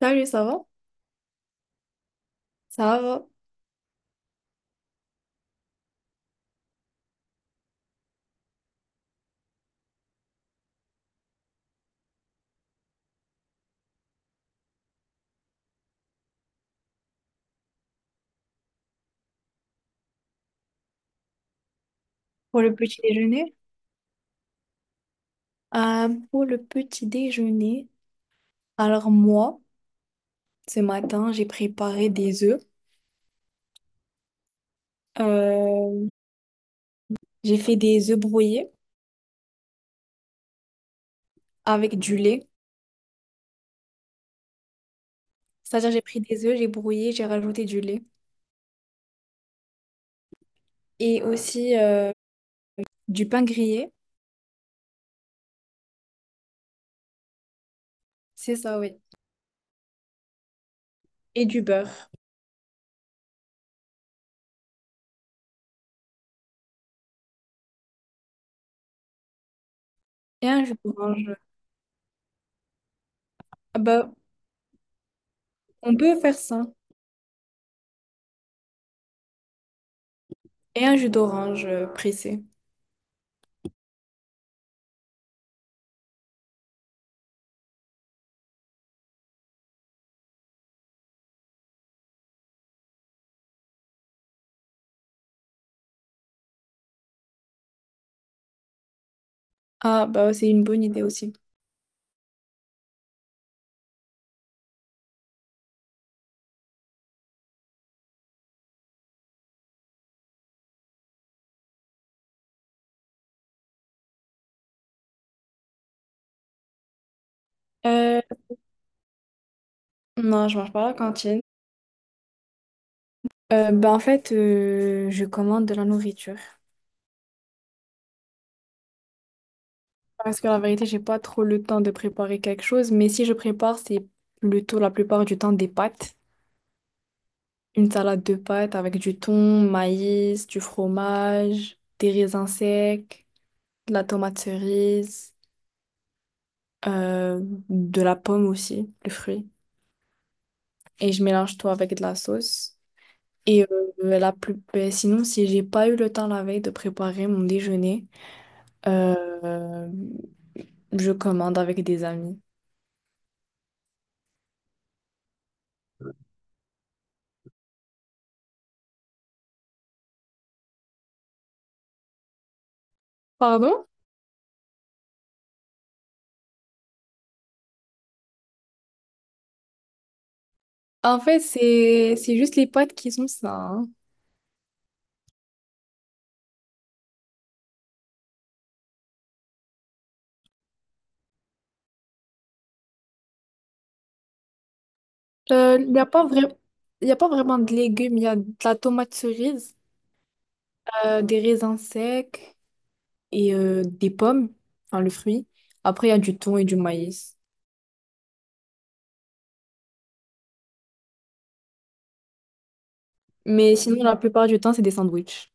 Salut, ça va? Ça va. Pour le petit déjeuner? Pour le petit déjeuner, alors moi, ce matin, j'ai préparé des œufs. Euh, j'ai fait des œufs brouillés avec du lait. C'est-à-dire, j'ai pris des œufs, j'ai brouillé, j'ai rajouté du lait. Et aussi du pain grillé. C'est ça, oui. Et du beurre. Et un jus d'orange. Ah bah, on peut faire ça. Et un jus d'orange pressé. Ah, bah c'est une bonne idée aussi. Euh, non, je mange pas à la cantine. Ben, en fait, je commande de la nourriture. Parce que la vérité, j'ai pas trop le temps de préparer quelque chose, mais si je prépare, c'est plutôt la plupart du temps des pâtes. Une salade de pâtes avec du thon, maïs, du fromage, des raisins secs, de la tomate cerise, euh, de la pomme aussi, le fruit. Et je mélange tout avec de la sauce. Et la plus... ben, sinon, si j'ai pas eu le temps la veille de préparer mon déjeuner, Euh, je commande avec des amis. Pardon? En fait, c'est juste les pâtes qui sont ça, hein. Il n'y a pas vrai... il y a pas vraiment de légumes. Il y a de la tomate cerise, des raisins secs et des pommes, enfin le fruit. Après, il y a du thon et du maïs. Mais sinon, la plupart du temps, c'est des sandwichs.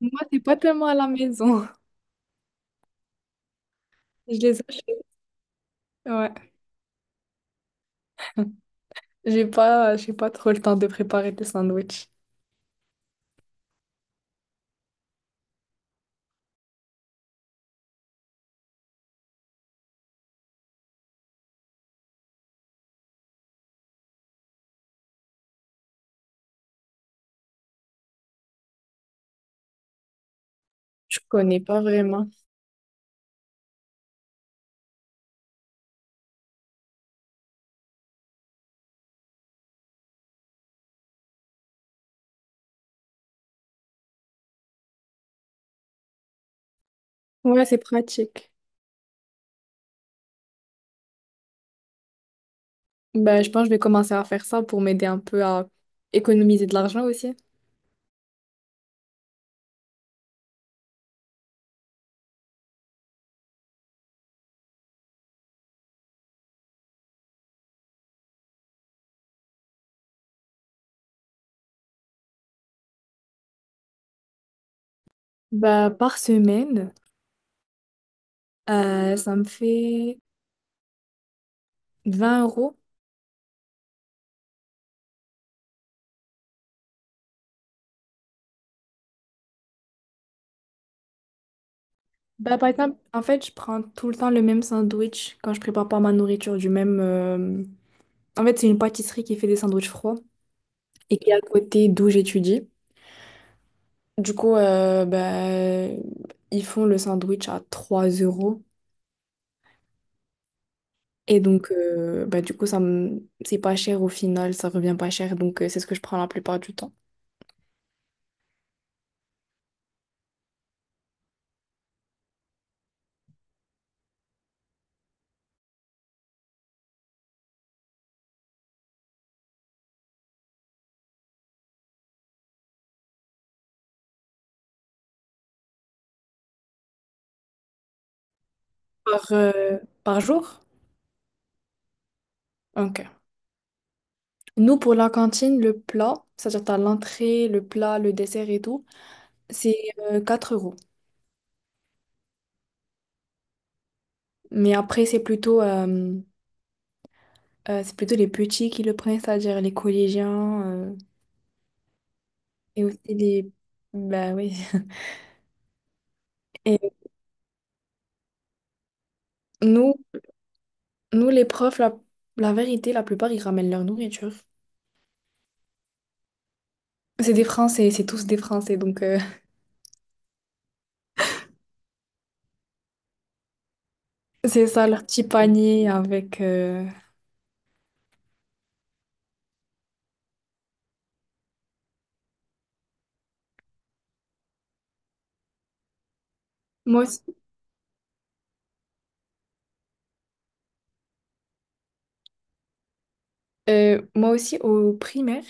Moi, c'est pas tellement à la maison. Je les achète. Ouais. J'ai pas trop le temps de préparer des sandwichs. Je connais pas vraiment. Ouais, c'est pratique. Bah, je pense que je vais commencer à faire ça pour m'aider un peu à économiser de l'argent aussi. Bah, par semaine, ça me fait 20 euros. Bah, par exemple, en fait, je prends tout le temps le même sandwich quand je prépare pas ma nourriture du même... En fait, c'est une pâtisserie qui fait des sandwichs froids et qui est à côté d'où j'étudie. Du coup, bah, ils font le sandwich à 3 euros. Et donc, bah, du coup, ça me... c'est pas cher au final, ça revient pas cher. Donc, c'est ce que je prends la plupart du temps. Par, par jour? Ok. Nous, pour la cantine, le plat, c'est-à-dire t'as l'entrée, le plat, le dessert et tout, c'est 4 euros. Mais après, c'est plutôt les petits qui le prennent, c'est-à-dire les collégiens euh, et aussi les... Bah oui. Et nous, Nous, les profs, la vérité, la plupart, ils ramènent leur nourriture. C'est des Français, c'est tous des Français, donc c'est ça, leur petit panier avec... Moi aussi, moi aussi, au primaire,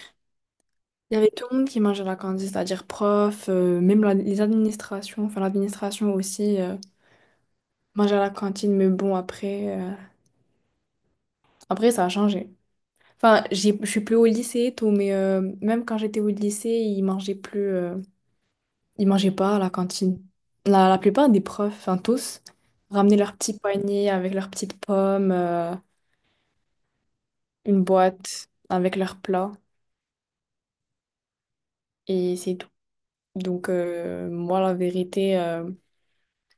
il y avait tout le monde qui mangeait à la cantine, c'est-à-dire prof, même la- les administrations, enfin l'administration aussi mangeait à la cantine, mais bon, après, après ça a changé. Enfin, j'ai- je suis plus au lycée et tout, mais même quand j'étais au lycée, ils mangeaient plus... ils mangeaient pas à la cantine. La plupart des profs, enfin tous, ramenaient leur petit panier avec leurs petites pommes, une boîte avec leurs plats, et c'est tout. Donc, moi, la vérité,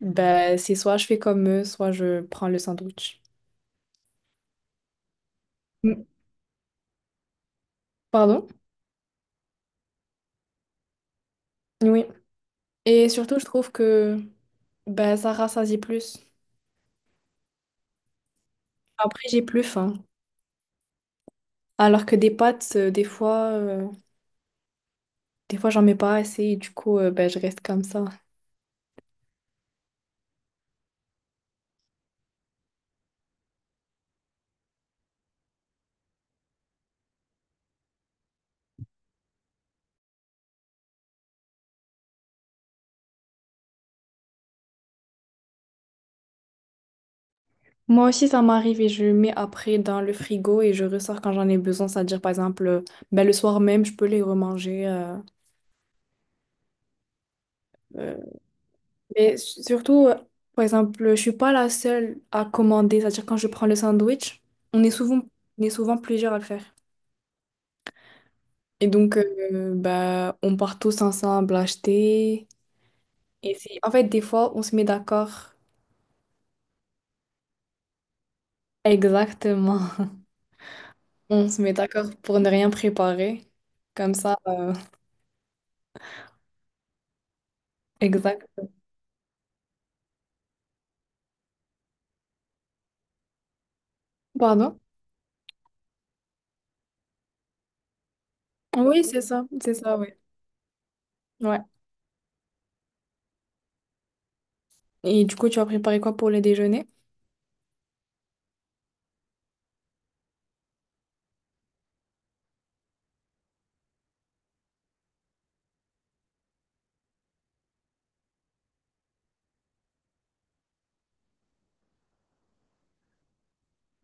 ben, c'est soit je fais comme eux, soit je prends le sandwich. Mm. Pardon? Oui. Et surtout, je trouve que ben, ça rassasie plus. Après, j'ai plus faim. Alors que des pâtes, des fois, des fois, j'en mets pas assez, et du coup, ben, je reste comme ça. Moi aussi, ça m'arrive et je mets après dans le frigo et je ressors quand j'en ai besoin. C'est-à-dire, par exemple, ben, le soir même, je peux les remanger. Euh. Mais su- surtout, par exemple, je suis pas la seule à commander. C'est-à-dire, quand je prends le sandwich, on est souvent, on est souvent plusieurs à le faire. Et donc, bah, on part tous ensemble acheter. Et c'est- en fait, des fois, on se met d'accord. Exactement. On se met d'accord pour ne rien préparer. Comme ça, exact. Pardon? Oui, c'est ça, oui. Ouais. Et du coup, tu vas préparer quoi pour le déjeuner?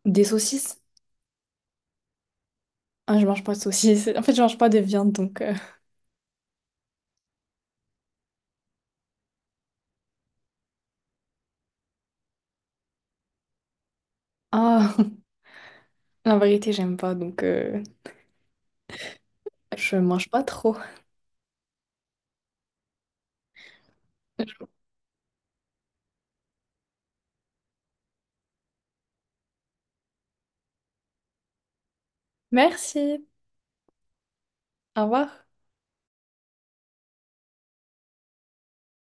Des saucisses? Ah, je mange pas de saucisses. En fait, je mange pas de viande, donc... Ah, la vérité, j'aime pas, donc... je mange pas trop. Merci. Au revoir.